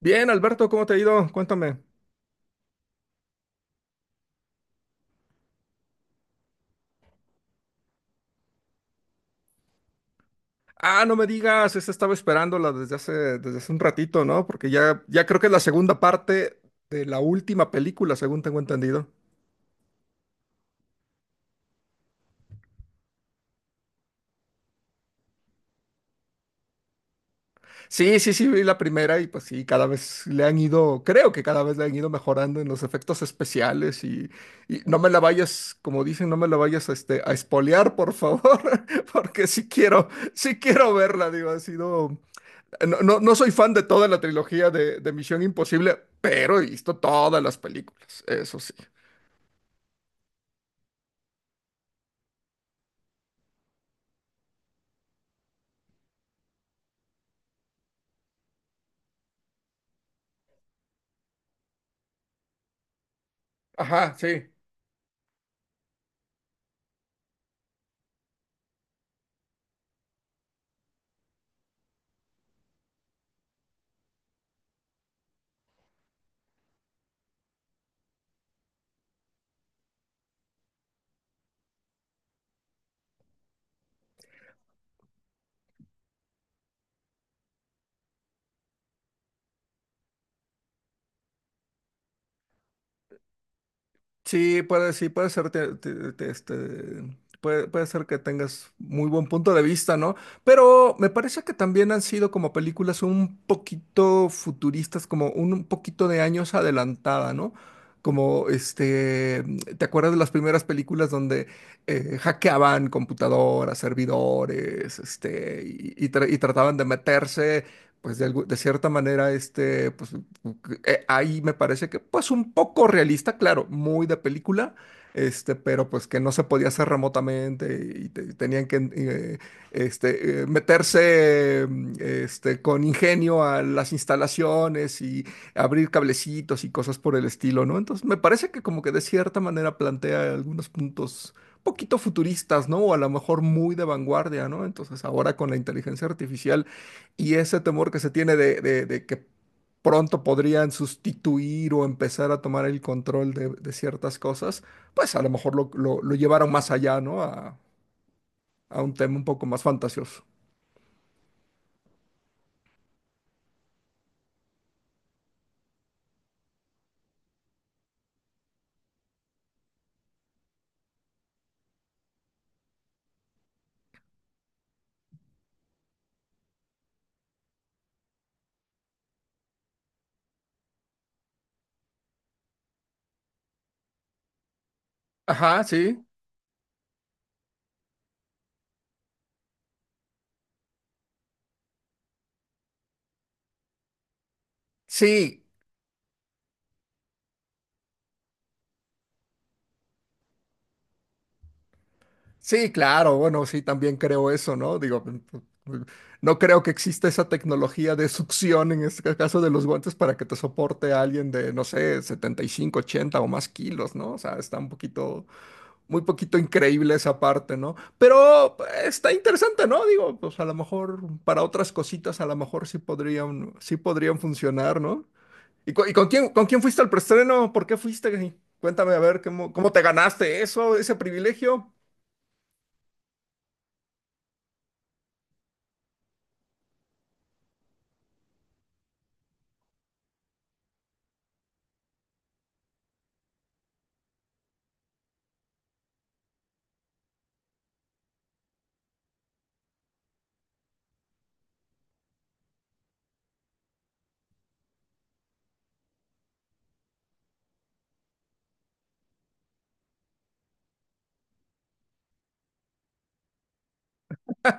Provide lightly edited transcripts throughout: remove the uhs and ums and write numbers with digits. Bien, Alberto, ¿cómo te ha ido? Cuéntame. Ah, no me digas, esta estaba esperándola desde hace un ratito, ¿no? Porque ya creo que es la segunda parte de la última película, según tengo entendido. Sí, sí, sí, vi la primera y pues sí, cada vez le han ido, creo que cada vez le han ido mejorando en los efectos especiales y no me la vayas, como dicen, no me la vayas a espolear, por favor. Porque sí quiero verla, digo, ha sido. No, no, no soy fan de toda la trilogía de Misión Imposible, pero he visto todas las películas, eso sí. Ajá, sí. Sí, puede ser, puede ser que tengas muy buen punto de vista, ¿no? Pero me parece que también han sido como películas un poquito futuristas, como un poquito de años adelantada, ¿no? Como, ¿te acuerdas de las primeras películas donde hackeaban computadoras, servidores, y trataban de meterse, pues, de cierta manera, pues, ahí me parece que, pues, un poco realista, claro, muy de película, pero pues que no se podía hacer remotamente y tenían que, meterse, con ingenio a las instalaciones y abrir cablecitos y cosas por el estilo, ¿no? Entonces, me parece que como que de cierta manera plantea algunos puntos poquito futuristas, ¿no? O a lo mejor muy de vanguardia, ¿no? Entonces, ahora con la inteligencia artificial y ese temor que se tiene de que pronto podrían sustituir o empezar a tomar el control de ciertas cosas, pues a lo mejor lo llevaron más allá, ¿no? A un tema un poco más fantasioso. Ajá, sí, sí, sí, claro, bueno, sí, también creo eso, ¿no? Digo, no creo que exista esa tecnología de succión en este caso de los guantes para que te soporte a alguien de, no sé, 75, 80 o más kilos, ¿no? O sea, está un poquito muy poquito increíble esa parte, ¿no? Pero pues, está interesante, ¿no? Digo, pues a lo mejor para otras cositas, a lo mejor sí podrían funcionar, ¿no? ¿Y con quién fuiste al preestreno? ¿Por qué fuiste? Cuéntame, a ver, ¿cómo te ganaste eso, ese privilegio?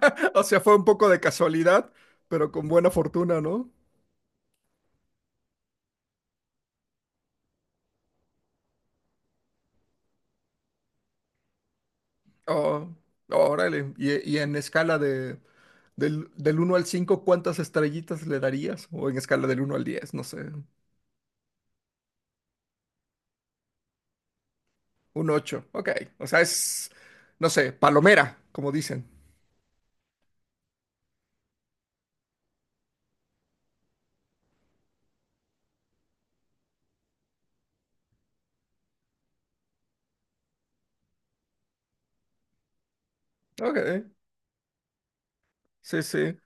O sea, fue un poco de casualidad, pero con buena fortuna, ¿no? Oh, órale. Y en escala del 1 al cinco, ¿cuántas estrellitas le darías? O en escala del 1 al 10, no sé. Un 8, ok. O sea, es, no sé, palomera, como dicen. Ok, sí, sí.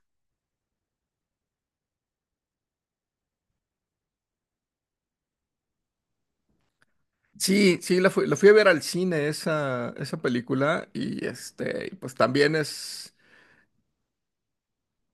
Sí, sí, la fui a ver al cine esa película y pues también es.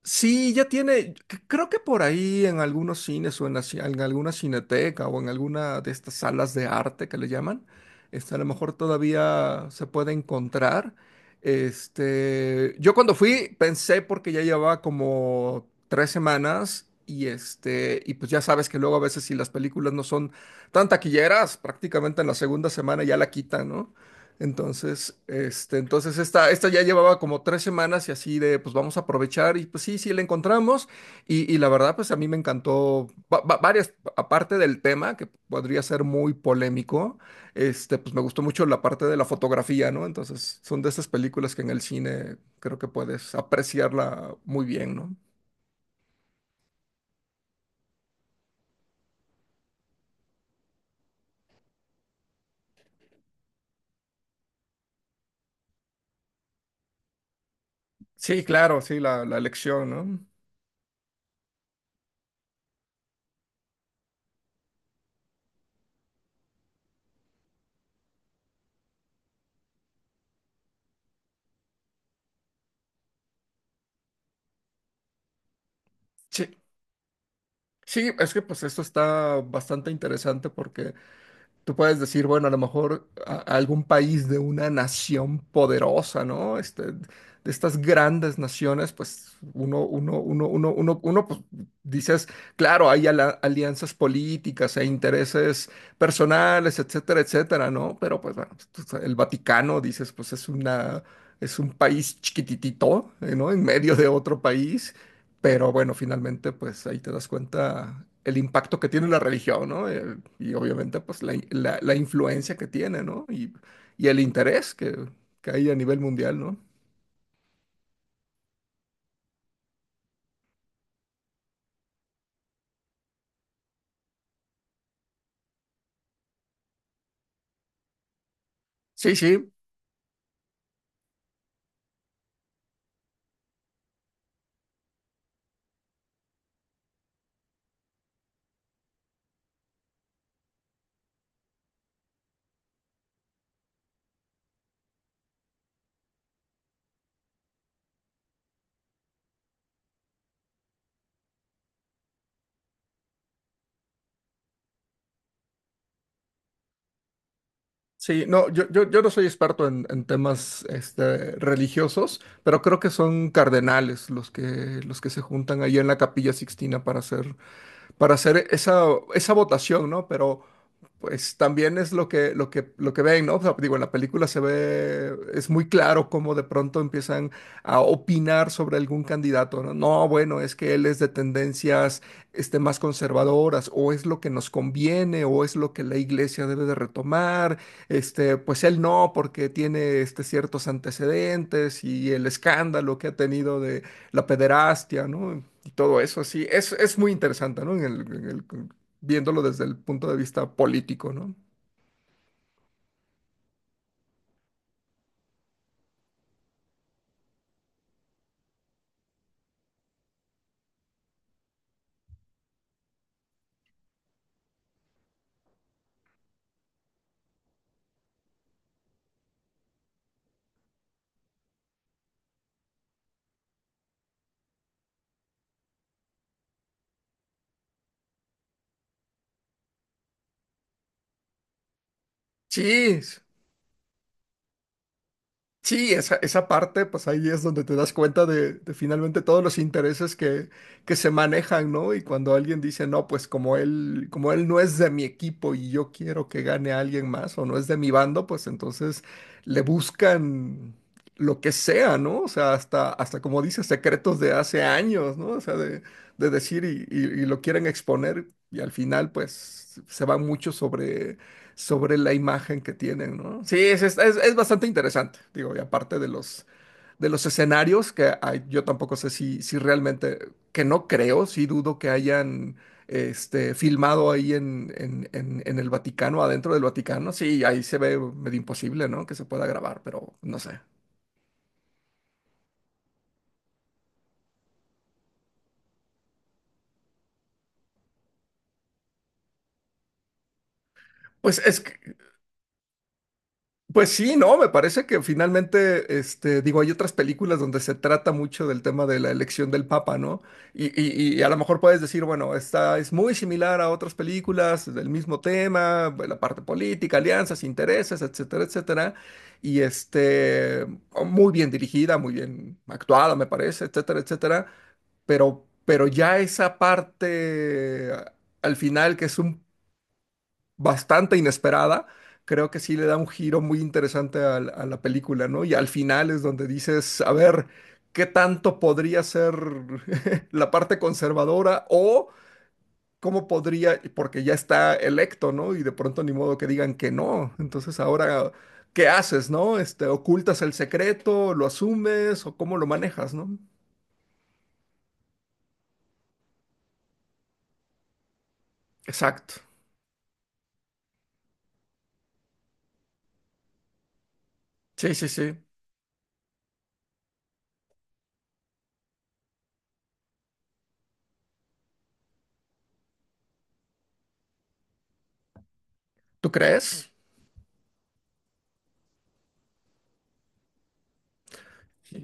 Sí, creo que por ahí en algunos cines o en alguna cineteca o en alguna de estas salas de arte que le llaman, a lo mejor todavía se puede encontrar. Yo cuando fui pensé porque ya llevaba como 3 semanas y y pues ya sabes que luego a veces si las películas no son tan taquilleras, prácticamente en la segunda semana ya la quitan, ¿no? Entonces, esta ya llevaba como 3 semanas y así de, pues vamos a aprovechar y pues sí, sí la encontramos. Y la verdad, pues a mí me encantó, varias, aparte del tema que podría ser muy polémico, pues me gustó mucho la parte de la fotografía, ¿no? Entonces son de esas películas que en el cine creo que puedes apreciarla muy bien, ¿no? Sí, claro, sí, la elección, ¿no? Sí, sí, es que pues esto está bastante interesante porque tú puedes decir, bueno, a lo mejor a algún país de una nación poderosa, ¿no? De estas grandes naciones, pues uno, uno, uno, uno, uno, uno, pues, dices, claro, hay alianzas políticas e intereses personales, etcétera, etcétera, ¿no? Pero pues bueno, pues, el Vaticano, dices, pues es un país chiquititito, ¿no? En medio de otro país. Pero bueno, finalmente, pues ahí te das cuenta el impacto que tiene la religión, ¿no? Y obviamente, pues la influencia que tiene, ¿no? Y el interés que hay a nivel mundial, ¿no? Sí, sí, sí. No, yo no soy experto en temas, religiosos, pero creo que son cardenales los que se juntan ahí en la Capilla Sixtina para hacer, esa, votación, ¿no? Pero pues también es lo que ven, ¿no? O sea, digo, en la película se ve, es muy claro cómo de pronto empiezan a opinar sobre algún candidato, ¿no? No, bueno, es que él es de tendencias, más conservadoras, o es lo que nos conviene, o es lo que la iglesia debe de retomar, pues él no, porque tiene, ciertos antecedentes y el escándalo que ha tenido de la pederastia, ¿no? Todo eso, sí, es muy interesante, ¿no? Viéndolo desde el punto de vista político, ¿no? Sí, sí, esa parte, pues ahí es donde te das cuenta de finalmente todos los intereses que se manejan, ¿no? Y cuando alguien dice, no, pues como él no es de mi equipo y yo quiero que gane a alguien más o no es de mi bando, pues entonces le buscan lo que sea, ¿no? O sea, hasta como dices, secretos de hace años, ¿no? O sea, de decir y, y lo quieren exponer y al final, pues se va mucho sobre la imagen que tienen, ¿no? Sí, es bastante interesante, digo, y aparte de los, escenarios, que yo tampoco sé si realmente, que no creo, sí dudo que hayan, filmado ahí en el Vaticano, adentro del Vaticano, sí, ahí se ve medio imposible, ¿no? Que se pueda grabar, pero no sé. Pues es que Pues sí, no, me parece que finalmente, digo, hay otras películas donde se trata mucho del tema de la elección del Papa, ¿no? Y a lo mejor puedes decir, bueno, esta es muy similar a otras películas del mismo tema, la parte política, alianzas, intereses, etcétera, etcétera. Y muy bien dirigida, muy bien actuada, me parece, etcétera, etcétera. Pero ya esa parte al final que es un bastante inesperada, creo que sí le da un giro muy interesante a la película, ¿no? Y al final es donde dices, a ver, ¿qué tanto podría ser la parte conservadora o cómo podría, porque ya está electo, ¿no? Y de pronto ni modo que digan que no. Entonces ahora, ¿qué haces, no? ¿Ocultas el secreto, lo asumes o cómo lo manejas, no? Exacto. Sí, sí, sí. ¿Tú crees? Sí.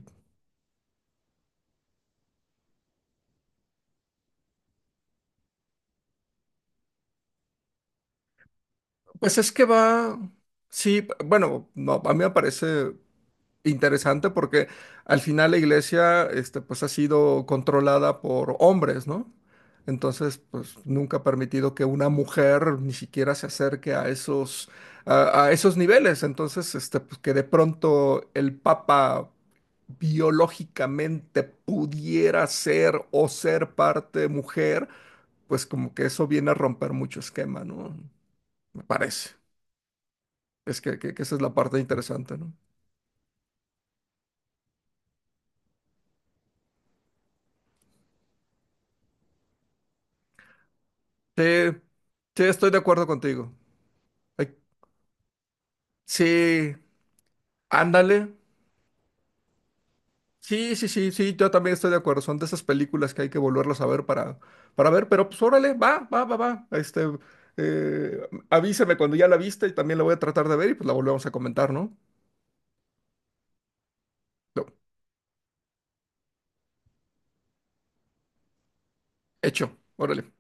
Pues es que va, sí, bueno, no, a mí me parece interesante porque al final la iglesia, pues ha sido controlada por hombres, ¿no? Entonces, pues nunca ha permitido que una mujer ni siquiera se acerque a esos, a esos niveles. Entonces, pues que de pronto el papa biológicamente pudiera ser o ser parte mujer, pues como que eso viene a romper mucho esquema, ¿no? Me parece. Es que, que esa es la parte interesante, ¿no? Sí, sí, estoy de acuerdo contigo. Ay, sí, ándale. Sí, sí, sí, sí, yo también estoy de acuerdo. Son de esas películas que hay que volverlas a ver para ver, pero pues órale, va, va, va, va. Avísame cuando ya la viste y también la voy a tratar de ver y pues la volvemos a comentar, ¿no? Lo- Hecho, órale.